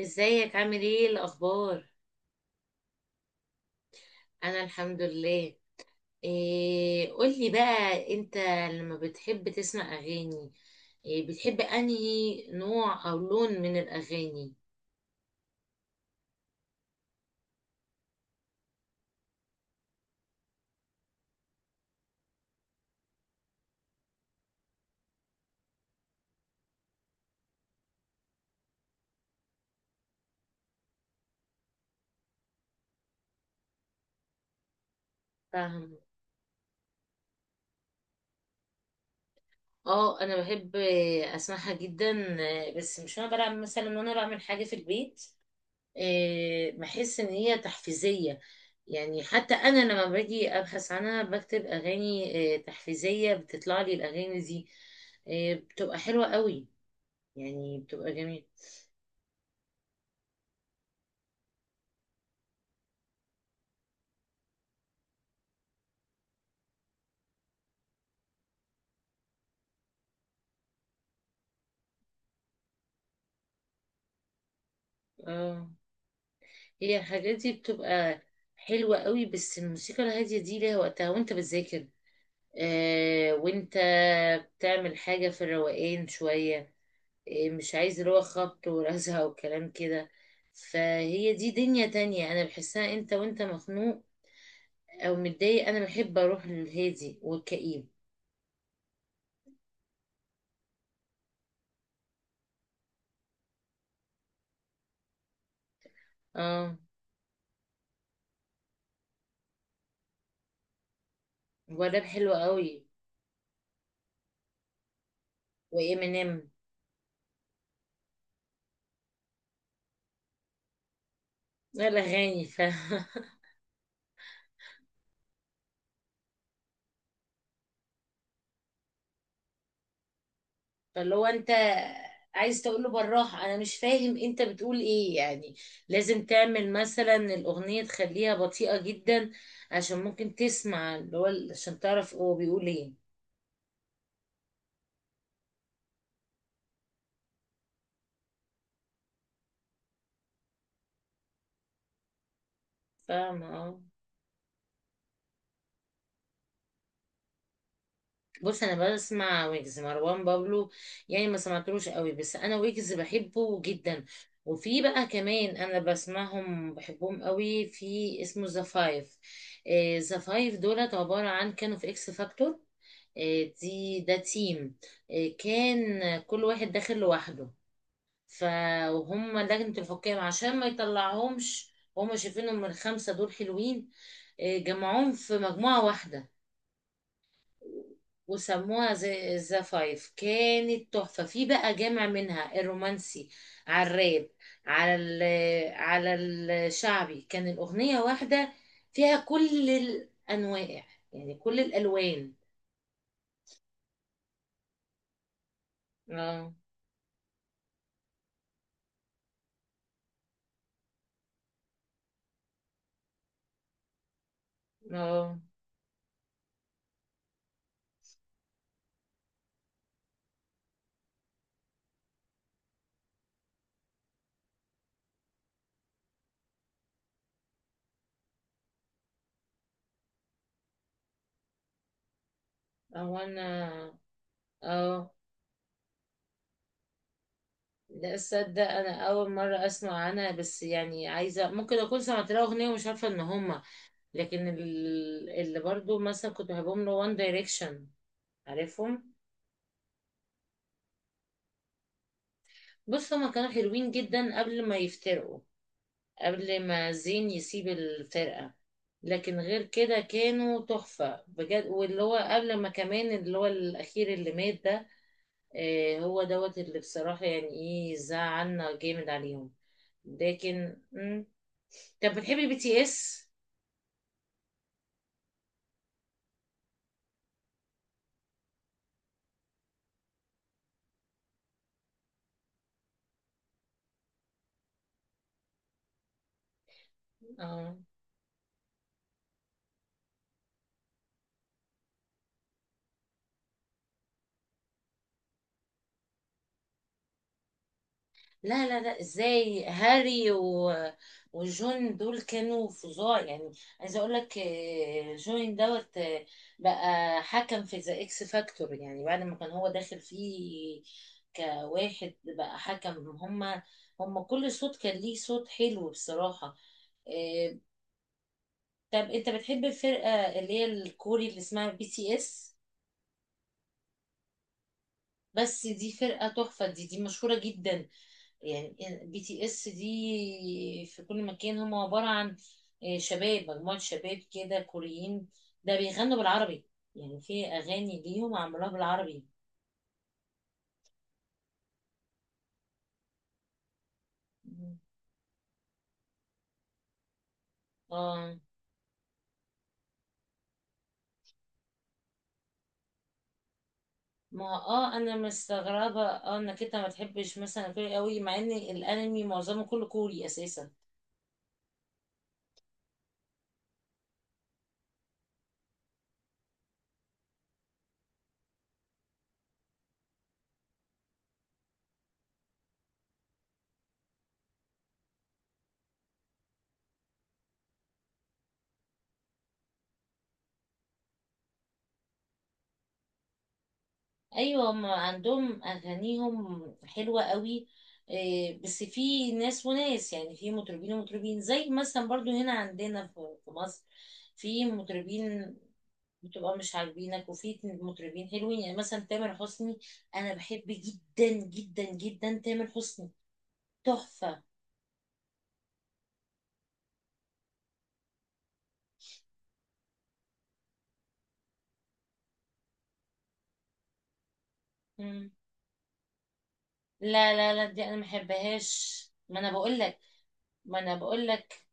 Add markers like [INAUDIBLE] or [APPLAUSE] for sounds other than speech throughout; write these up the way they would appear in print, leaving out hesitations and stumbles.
ازيك، عامل ايه الاخبار؟ انا الحمد لله. إيه، قولي بقى انت، لما بتحب تسمع اغاني، إيه بتحب انهي نوع او لون من الاغاني؟ فاهم. اه، انا بحب اسمعها جدا. بس مش وانا بلعب، مثلا وانا بعمل حاجه في البيت. إيه، بحس ان هي تحفيزيه. يعني حتى انا لما باجي ابحث عنها، بكتب اغاني تحفيزيه، بتطلع لي الاغاني دي. بتبقى حلوه قوي، يعني بتبقى جميل. اه، هي الحاجات دي بتبقى حلوة قوي، بس الموسيقى الهادية دي ليها وقتها وانت بتذاكر. آه، وانت بتعمل حاجة في الروقان شوية. آه، مش عايز اللي هو خبط ورزع [LAUGHS] وكلام كده. فهي دي دنيا تانية، انا بحسها انت وانت مخنوق او متضايق، انا بحب اروح للهادي والكئيب. اه، والراب حلو قوي. وامينيم. الاغاني ف [LAUGHS] فاللي هو انت عايز تقول له بالراحه، انا مش فاهم انت بتقول ايه يعني، لازم تعمل مثلا الاغنيه تخليها بطيئه جدا. عشان ممكن تسمع، اللي هو عشان تعرف هو بيقول ايه. فاهمه، اه. بص، انا بسمع ويجز، مروان بابلو. يعني، ما سمعتلوش قوي، بس انا ويجز بحبه جدا. وفي بقى كمان انا بسمعهم، بحبهم قوي في اسمه ذا فايف. ذا فايف دولت عباره عن كانوا في اكس فاكتور. دي ده تيم. كان كل واحد داخل لوحده. فهم لجنة الحكام عشان ما يطلعهمش، هم شايفينهم الخمسة دول حلوين. جمعوهم في مجموعة واحدة، وسموها زي ذا فايف. كانت تحفة، في بقى جامع منها الرومانسي، على الراب، على ال- على الشعبي. كان الأغنية واحدة فيها كل الأنواع، يعني كل الألوان. اه، اه، او انا، اه. لا، تصدق انا اول مره اسمع عنها، بس يعني عايزه، ممكن اكون سمعت لها اغنيه ومش عارفه ان هما. لكن ال- اللي برضو مثلا كنت بحبهم، له وان دايركشن، عارفهم؟ بص، هما كانوا حلوين جدا قبل ما يفترقوا، قبل ما زين يسيب الفرقه. لكن غير كده كانوا تحفه بجد، واللي هو قبل ما كمان اللي هو الاخير اللي مات ده، هو دوت اللي بصراحة يعني ايه زعلنا جامد عليهم. لكن. طب، بتحبي بي تي اس؟ اه، لا لا لا، ازاي هاري وجون دول كانوا فظاع يعني. عايزة اقول لك، جون دوت، بقى حكم في ذا اكس فاكتور، يعني بعد ما كان هو داخل فيه كواحد بقى حكم، هما كل صوت كان ليه صوت حلو بصراحة. آه، طب، انت بتحب الفرقة اللي هي الكوري اللي اسمها بي تي اس؟ بس دي فرقة تحفة، دي مشهورة جدا، يعني بي تي اس دي في كل مكان. هم عبارة عن شباب، مجموعة شباب كده كوريين. ده بيغنوا بالعربي، يعني في أغاني ليهم عملوها بالعربي. مم. اه، ما انا مستغربة، انك انت ما تحبش مثلا كوري قوي، مع ان الانمي معظمه كله كوري اساسا. ايوه، ما عندهم اغانيهم حلوه قوي. إيه، بس في ناس وناس، يعني في مطربين ومطربين، زي مثلا برضو هنا عندنا في مصر، في مطربين بتبقى مش عاجبينك، وفي مطربين حلوين، يعني مثلا تامر حسني. انا بحب جدا جدا جدا تامر حسني. تحفه. مم. لا لا لا، دي انا ما بحبهاش، ما انا بقول لك. ما انا بقول لك.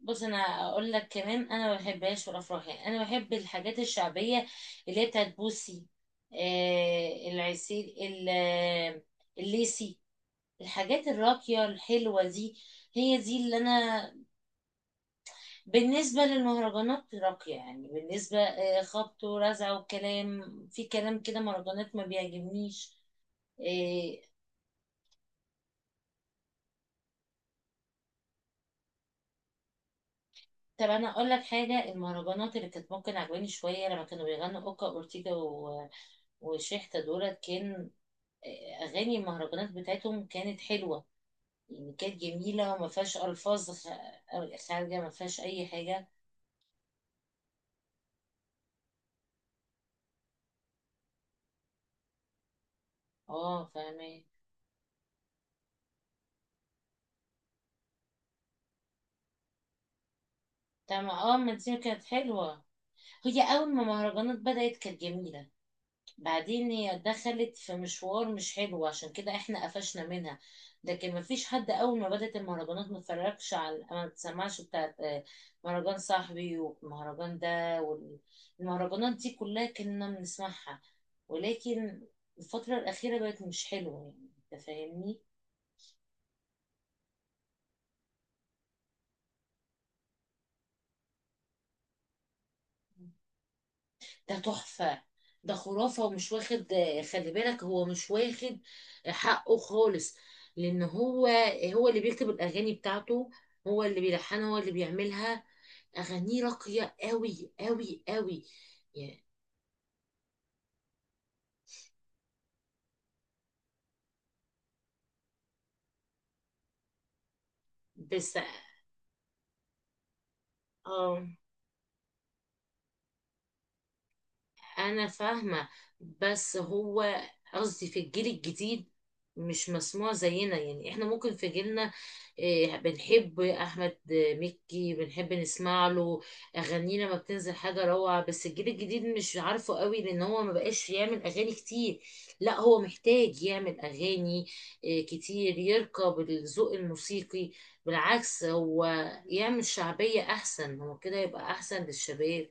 بص، انا اقول لك كمان، انا ما بحبهاش في الافراح، يعني انا بحب الحاجات الشعبيه، اللي هي بتاعت بوسي، العسيل ال- الليسي، الحاجات الراقيه الحلوه دي. هي دي اللي انا. بالنسبه للمهرجانات راقيه، يعني بالنسبه خبط ورزع وكلام، في كلام كده مهرجانات ما بيعجبنيش. آه. طب، انا اقول لك حاجه، المهرجانات اللي كانت ممكن عجباني شويه لما كانوا بيغنوا اوكا اورتيجا وشيحتا دولت، كان اغاني المهرجانات بتاعتهم كانت حلوه، يعني كانت جميله، وما فيهاش الفاظ خ- خارجه، ما فيهاش اي حاجه. اه، فاهمه. طب ما- اه، ما دي كانت حلوه. هي اول ما المهرجانات بدات كانت جميله، بعدين هي دخلت في مشوار مش حلو، عشان كده احنا قفشنا منها. لكن مفيش حد اول ما بدأت المهرجانات ما اتفرجش على، ما تسمعش بتاعت مهرجان صاحبي والمهرجان ده، والمهرجانات دي كلها كنا بنسمعها. ولكن الفترة الأخيرة بقت مش حلوة، يعني. انت فاهمني؟ ده تحفة، ده خرافة، ومش واخد. خلي بالك، هو مش واخد حقه خالص، لأن هو اللي بيكتب الأغاني بتاعته، هو اللي بيلحنها، هو اللي بيعملها. أغانيه راقية قوي قوي قوي، يعني. بس، اه، انا فاهمة، بس هو، قصدي في الجيل الجديد، مش مسموع زينا. يعني احنا ممكن في جيلنا، إيه، بنحب احمد مكي، بنحب نسمع له، اغانينا ما بتنزل حاجة روعة، بس الجيل الجديد مش عارفه قوي، لان هو ما بقاش يعمل اغاني كتير. لا، هو محتاج يعمل اغاني إيه، كتير، يركب الذوق الموسيقي. بالعكس، هو يعمل شعبية احسن، هو كده يبقى احسن للشباب.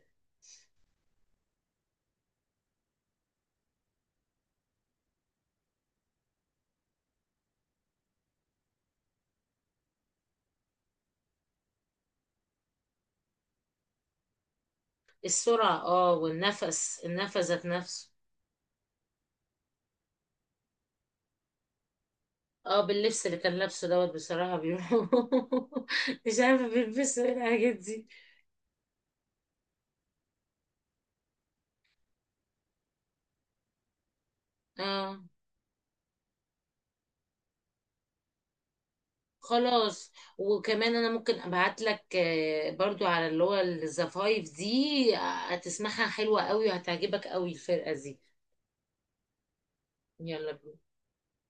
السرعة، اه، والنفس النفس ذات نفسه. اه، باللبس اللي كان لابسه دوت، بصراحة بيقولوا [LAUGHS] مش عارفة بيلبسوا ايه الحاجات دي. اه، خلاص. وكمان انا ممكن ابعت لك، برضو على اللي هو الزفايف دي، هتسمعها حلوة قوي، وهتعجبك قوي الفرقة دي. يلا بينا.